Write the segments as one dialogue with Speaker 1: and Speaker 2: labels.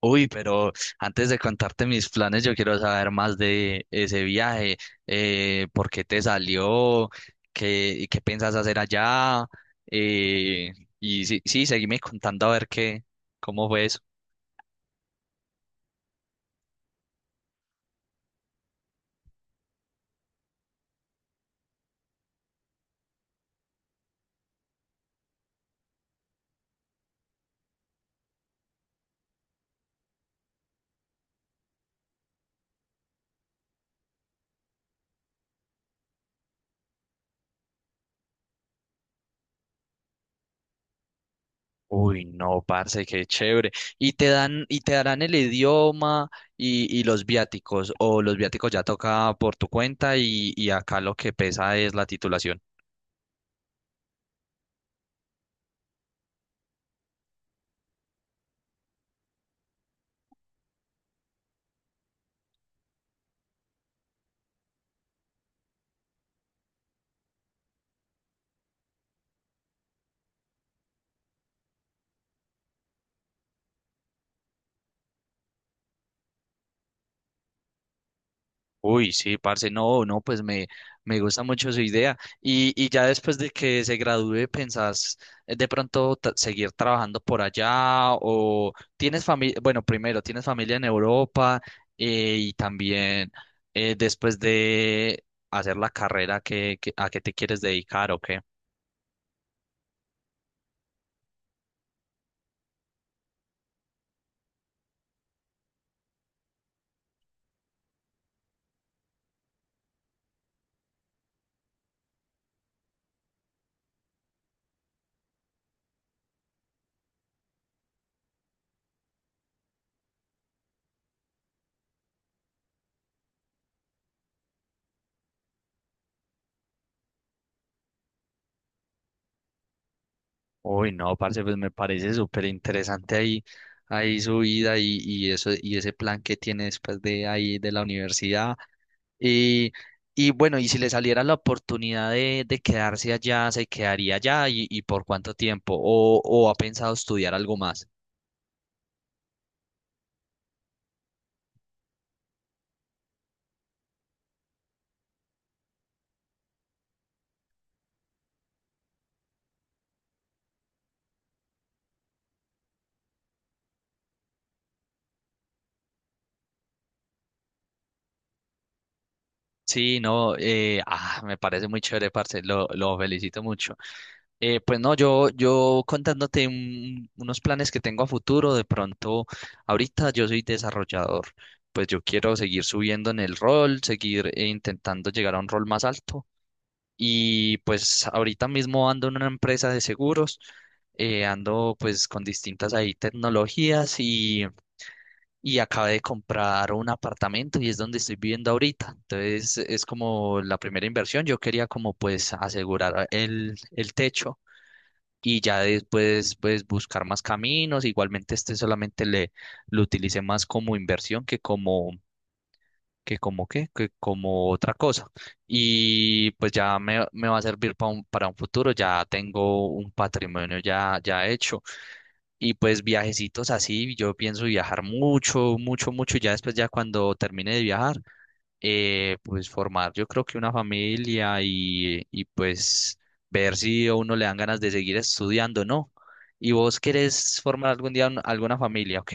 Speaker 1: Uy, pero antes de contarte mis planes, yo quiero saber más de ese viaje. ¿Por qué te salió? ¿Qué piensas hacer allá? Eh, y sí, seguime contando a ver qué, cómo fue eso. Uy, no, parce, qué chévere. ¿Y te dan, y te darán el idioma y los viáticos? ¿O los viáticos ya toca por tu cuenta y acá lo que pesa es la titulación? Uy, sí, parce, no, no, me gusta mucho su idea. Y ya después de que se gradúe, ¿pensás de pronto seguir trabajando por allá? ¿O tienes familia? Bueno, primero, ¿tienes familia en Europa? Y también, después de hacer la carrera, ¿ a qué te quieres dedicar o qué? Uy, no, parce, pues me parece súper interesante ahí su vida y eso, y ese plan que tiene después de ahí de la universidad. Y, y bueno, y si le saliera la oportunidad de quedarse allá, ¿se quedaría allá y por cuánto tiempo? O ha pensado estudiar algo más? Sí, no, me parece muy chévere, parce, lo felicito mucho. Pues no, yo contándote unos planes que tengo a futuro, de pronto, ahorita yo soy desarrollador. Pues yo quiero seguir subiendo en el rol, seguir intentando llegar a un rol más alto. Y pues ahorita mismo ando en una empresa de seguros. Ando pues con distintas ahí tecnologías y acabé de comprar un apartamento y es donde estoy viviendo ahorita. Entonces es como la primera inversión. Yo quería como pues asegurar el techo y ya después pues buscar más caminos. Igualmente este solamente le lo utilicé más como inversión que como que como otra cosa. Y pues ya me va a servir para un futuro, ya tengo un patrimonio ya, ya hecho. Y pues viajecitos así, yo pienso viajar mucho, mucho, mucho. Ya después, ya cuando termine de viajar, pues formar yo creo que una familia y pues ver si a uno le dan ganas de seguir estudiando, ¿no? ¿Y vos querés formar algún día alguna familia? Ok.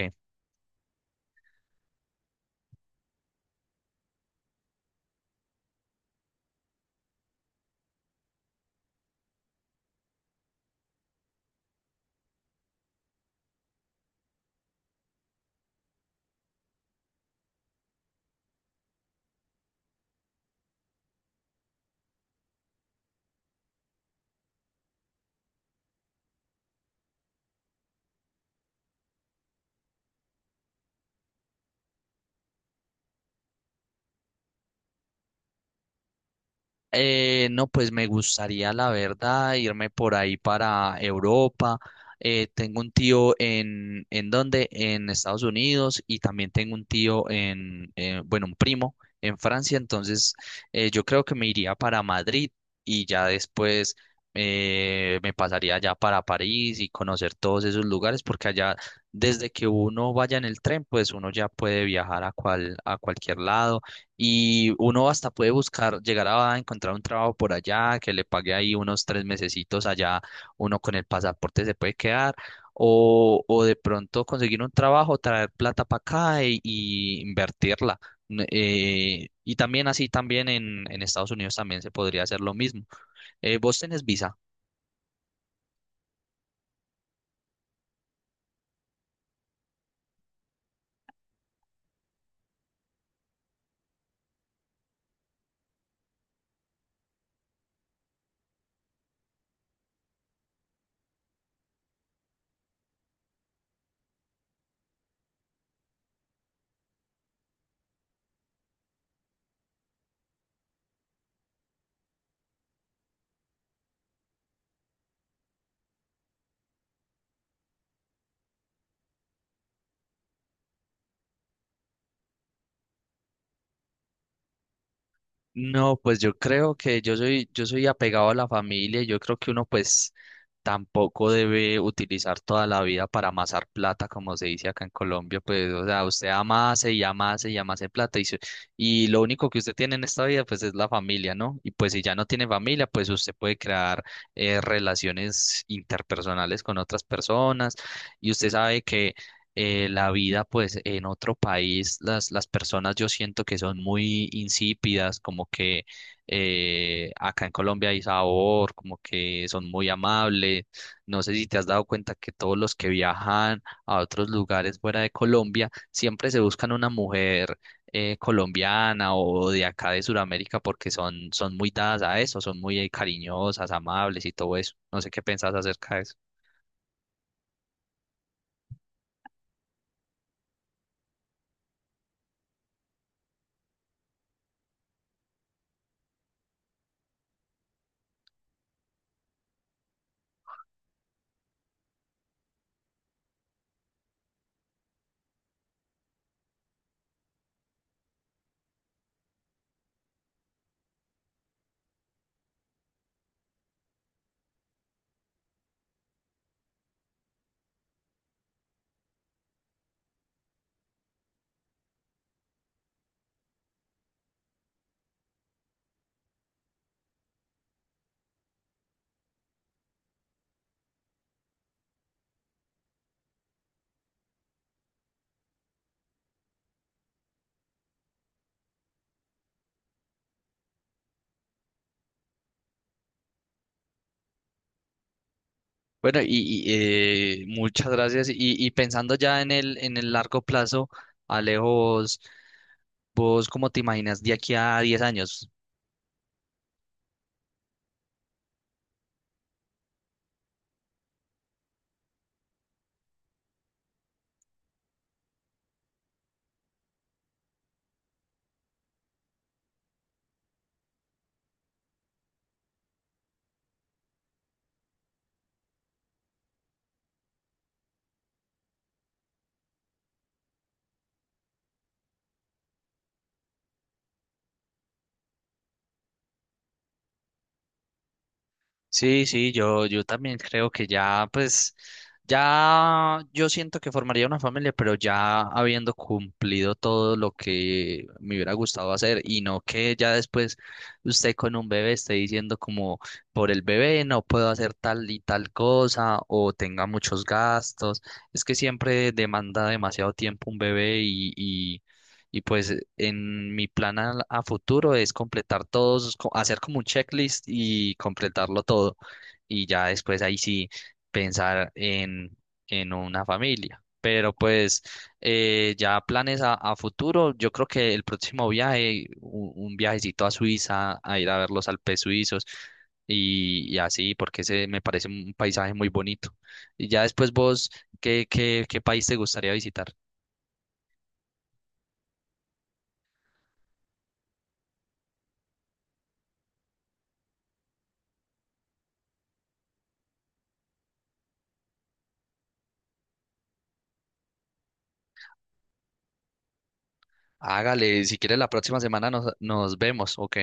Speaker 1: No, pues me gustaría, la verdad, irme por ahí para Europa. Tengo un tío ¿en dónde? En Estados Unidos. Y también tengo un tío en, bueno, un primo en Francia. Entonces, yo creo que me iría para Madrid y ya después, me pasaría ya para París y conocer todos esos lugares, porque allá, desde que uno vaya en el tren, pues uno ya puede viajar a a cualquier lado y uno hasta puede buscar, llegar a encontrar un trabajo por allá, que le pague ahí unos tres mesecitos allá, uno con el pasaporte se puede quedar, o de pronto conseguir un trabajo, traer plata para acá y invertirla. Y también así, también en Estados Unidos también se podría hacer lo mismo. ¿Vos tenés visa? No, pues yo creo que yo soy apegado a la familia y yo creo que uno pues tampoco debe utilizar toda la vida para amasar plata, como se dice acá en Colombia. Pues, o sea, usted amase y amase y amase plata y, y lo único que usted tiene en esta vida pues es la familia, ¿no? Y pues si ya no tiene familia, pues usted puede crear relaciones interpersonales con otras personas. Y usted sabe que, la vida, pues en otro país, las personas yo siento que son muy insípidas, como que, acá en Colombia hay sabor, como que son muy amables. No sé si te has dado cuenta que todos los que viajan a otros lugares fuera de Colombia siempre se buscan una mujer, colombiana o de acá de Sudamérica, porque son, son muy dadas a eso, son muy cariñosas, amables y todo eso. No sé qué pensás acerca de eso. Bueno, y, muchas gracias. Y pensando ya en el largo plazo, Alejo, vos, ¿cómo te imaginas de aquí a 10 años? Sí, sí, yo también creo que ya, pues, ya yo siento que formaría una familia, pero ya habiendo cumplido todo lo que me hubiera gustado hacer y no que ya después usted con un bebé esté diciendo como por el bebé no puedo hacer tal y tal cosa o tenga muchos gastos. Es que siempre demanda demasiado tiempo un bebé y pues en mi plan a futuro es completar todos, hacer como un checklist y completarlo todo. Y ya después ahí sí pensar en una familia. Pero pues, ya planes a futuro, yo creo que el próximo viaje, un viajecito a Suiza, a ir a ver los Alpes suizos y así, porque se me parece un paisaje muy bonito. Y ya después vos, ¿ qué país te gustaría visitar? Hágale, si quiere la próxima semana nos vemos, ¿ok?